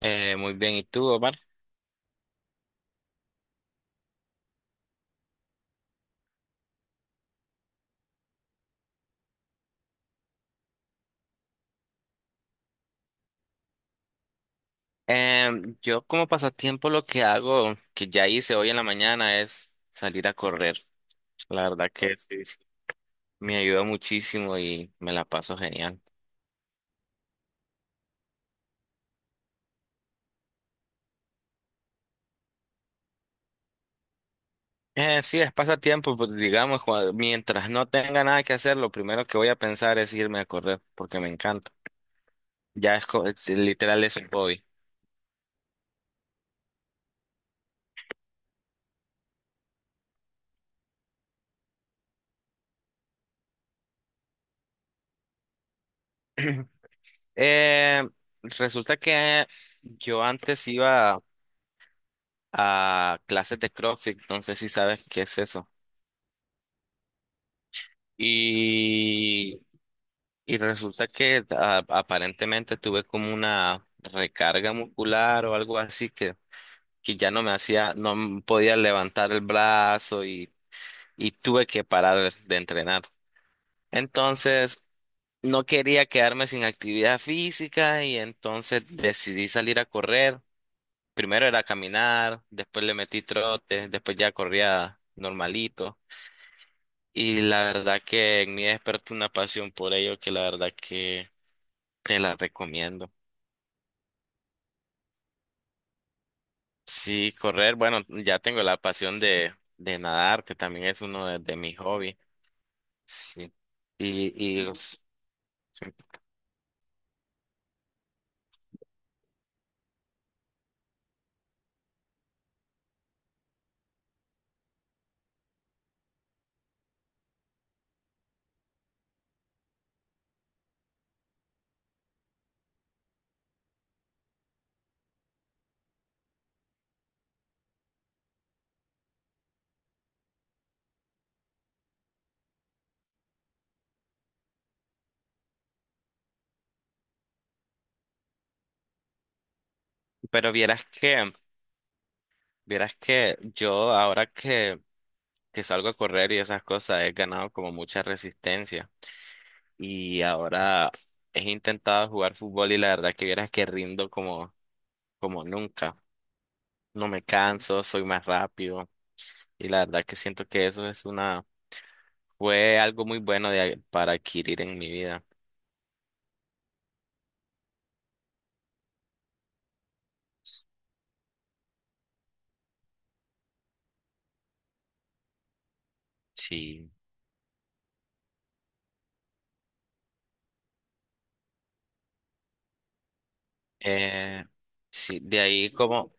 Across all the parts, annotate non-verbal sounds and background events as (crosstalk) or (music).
Muy bien, ¿y tú, Omar? Yo como pasatiempo lo que hago, que ya hice hoy en la mañana, es salir a correr. La verdad que sí, sí, me ayuda muchísimo y me la paso genial. Sí, es pasatiempo, pues digamos, mientras no tenga nada que hacer, lo primero que voy a pensar es irme a correr, porque me encanta. Ya es, literal es un hobby. (clears throat) Eh, Resulta que yo antes iba a clases de CrossFit, no sé si sabes qué es eso. Y, y resulta que aparentemente tuve como una recarga muscular o algo así que ya no me hacía, no m- podía levantar el brazo y tuve que parar de entrenar. Entonces, no quería quedarme sin actividad física y entonces decidí salir a correr. Primero era caminar, después le metí trote, después ya corría normalito. Y la verdad que en mí despertó una pasión por ello que la verdad que te la recomiendo. Sí, correr, bueno, ya tengo la pasión de nadar, que también es uno de mis hobbies. Sí. Y, y os- sí. Pero vieras que yo ahora que salgo a correr y esas cosas, he ganado como mucha resistencia. Y ahora he intentado jugar fútbol y la verdad que vieras que rindo como, como nunca. No me canso, soy más rápido. Y la verdad que siento que eso es una fue algo muy bueno para adquirir en mi vida. Sí. Eh, sí, de ahí como,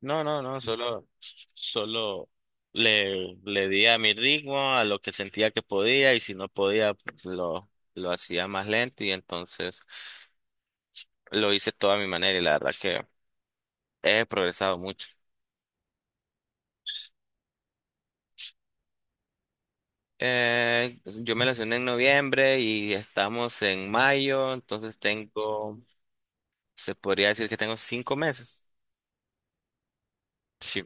no, no, no, solo, solo le di a mi ritmo, a lo que sentía que podía y si no podía, pues lo hacía más lento y entonces lo hice toda a mi manera y la verdad que he progresado mucho. Yo me lesioné en noviembre y estamos en mayo, entonces tengo, se podría decir que tengo cinco meses. Sí,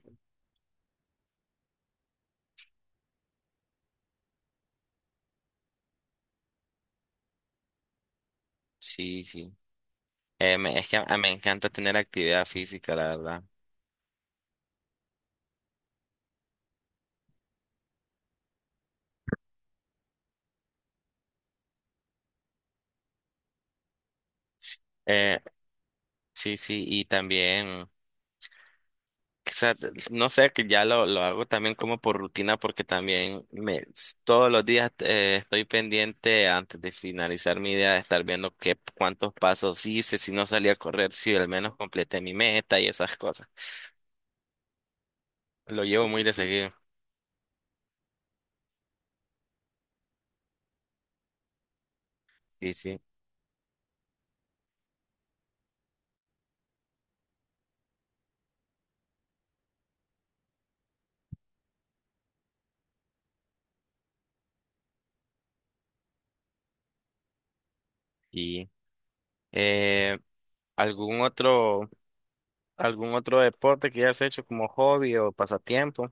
sí, sí. Es que me encanta tener actividad física, la verdad. Eh, sí, sí, y también, quizás, no sé, que ya lo hago también como por rutina, porque también todos los días estoy pendiente antes de finalizar mi día de estar viendo qué, cuántos pasos hice, si no salí a correr, si al menos completé mi meta y esas cosas. Lo llevo muy de seguido. Sí, sí. Y eh, algún otro, algún otro deporte que hayas hecho como hobby o pasatiempo.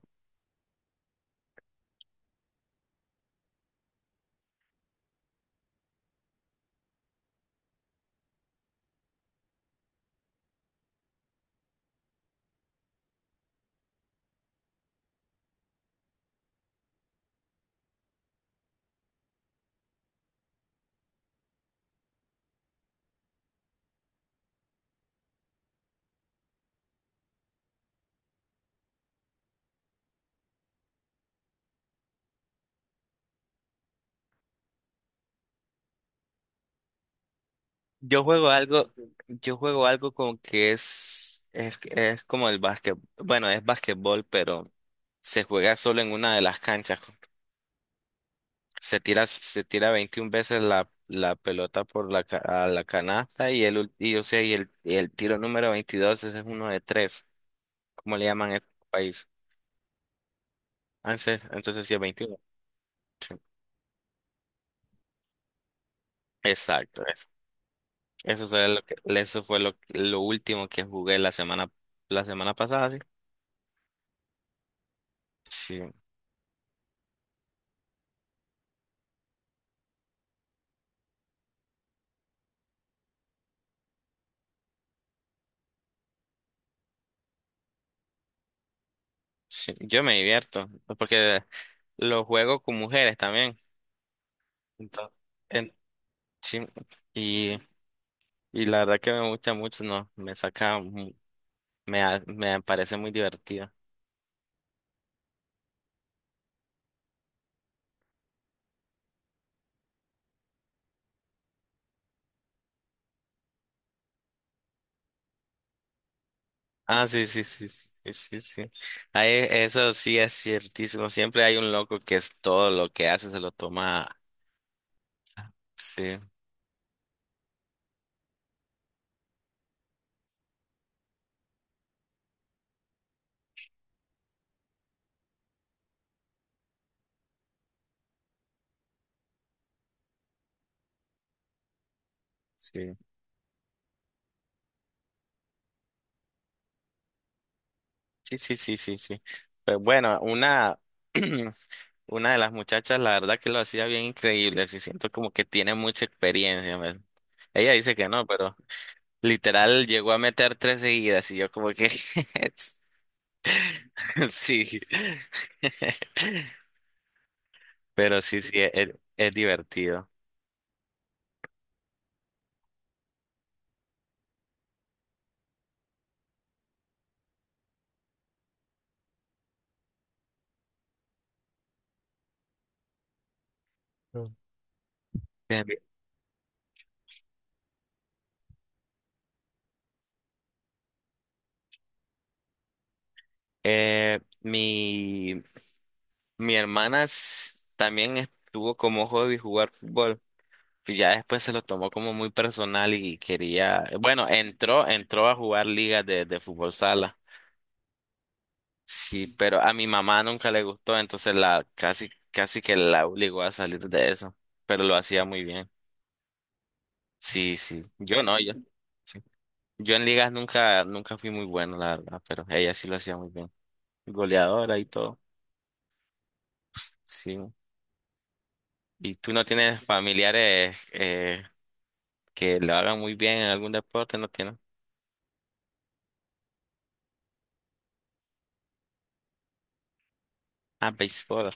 Yo juego algo, yo juego algo como que es como el básquet, bueno, es básquetbol, pero se juega solo en una de las canchas. Se tira 21 veces la pelota por a la canasta y el, ul- y, o sea, y el tiro número 22 ese es uno de tres, como le llaman en este país. Entonces sí es 21. Sí. Exacto, eso. Eso fue lo último que jugué la semana pasada, sí. Sí. Sí, yo me divierto, pues, porque lo juego con mujeres también. Entonces, en- sí, y, y la verdad que me gusta mucho, no, me saca, mu- me, ha- me parece muy divertido. Ah, sí, sí, sí, sí, sí, sí. Ahí, eso sí es ciertísimo. Siempre hay un loco que es todo lo que hace, se lo toma. Sí, sí, sí, sí, sí, sí, sí. Pues bueno, una (clears throat) una de las muchachas, la verdad que lo hacía bien increíble, sí siento como que tiene mucha experiencia, man. Ella dice que no, pero literal llegó a meter 3 seguidas y yo como que (laughs) sí. Pero sí, sí, es divertido. Mm. Bien, bien. Eh, mi, Mi hermana también estuvo como hobby jugar fútbol. Y ya después se lo tomó como muy personal y quería, bueno, entró a jugar ligas de fútbol sala. Sí, pero a mi mamá nunca le gustó, entonces la casi que la obligó a salir de eso, pero lo hacía muy bien. Sí, sí. Yo no, yo. Sí. Yo en ligas nunca, nunca fui muy bueno, la verdad, pero ella sí lo hacía muy bien. Goleadora y todo. (laughs) Sí. ¿Y tú no tienes familiares que lo hagan muy bien en algún deporte? ¿No tienes? Ah, béisbol.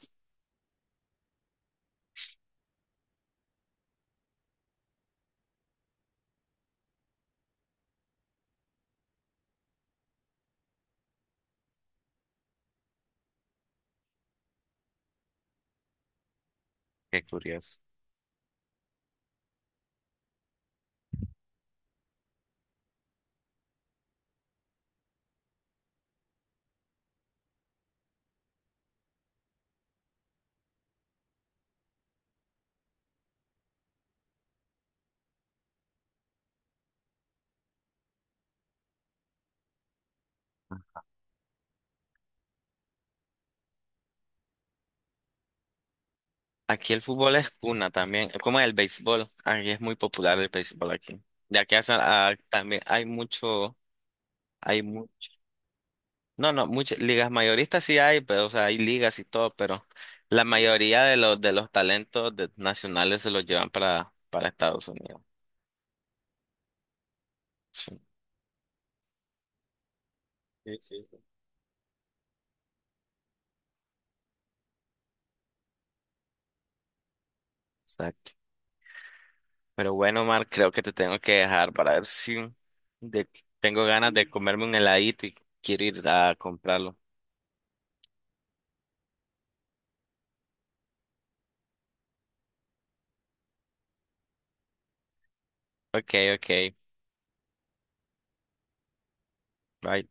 Qué curioso. Aquí el fútbol es cuna también, como el béisbol. Aquí es muy popular el béisbol aquí. De aquí a, también hay mucho. Hay mu- no, no, muchas ligas mayoristas sí hay, pero o sea, hay ligas y todo, pero la mayoría de los talentos nacionales se los llevan para Estados Unidos. Sí, sí, sí, exacto. Pero bueno, Mar, creo que te tengo que dejar para ver si de- tengo ganas de comerme un heladito y quiero ir a comprarlo. Ok, ok. Bye.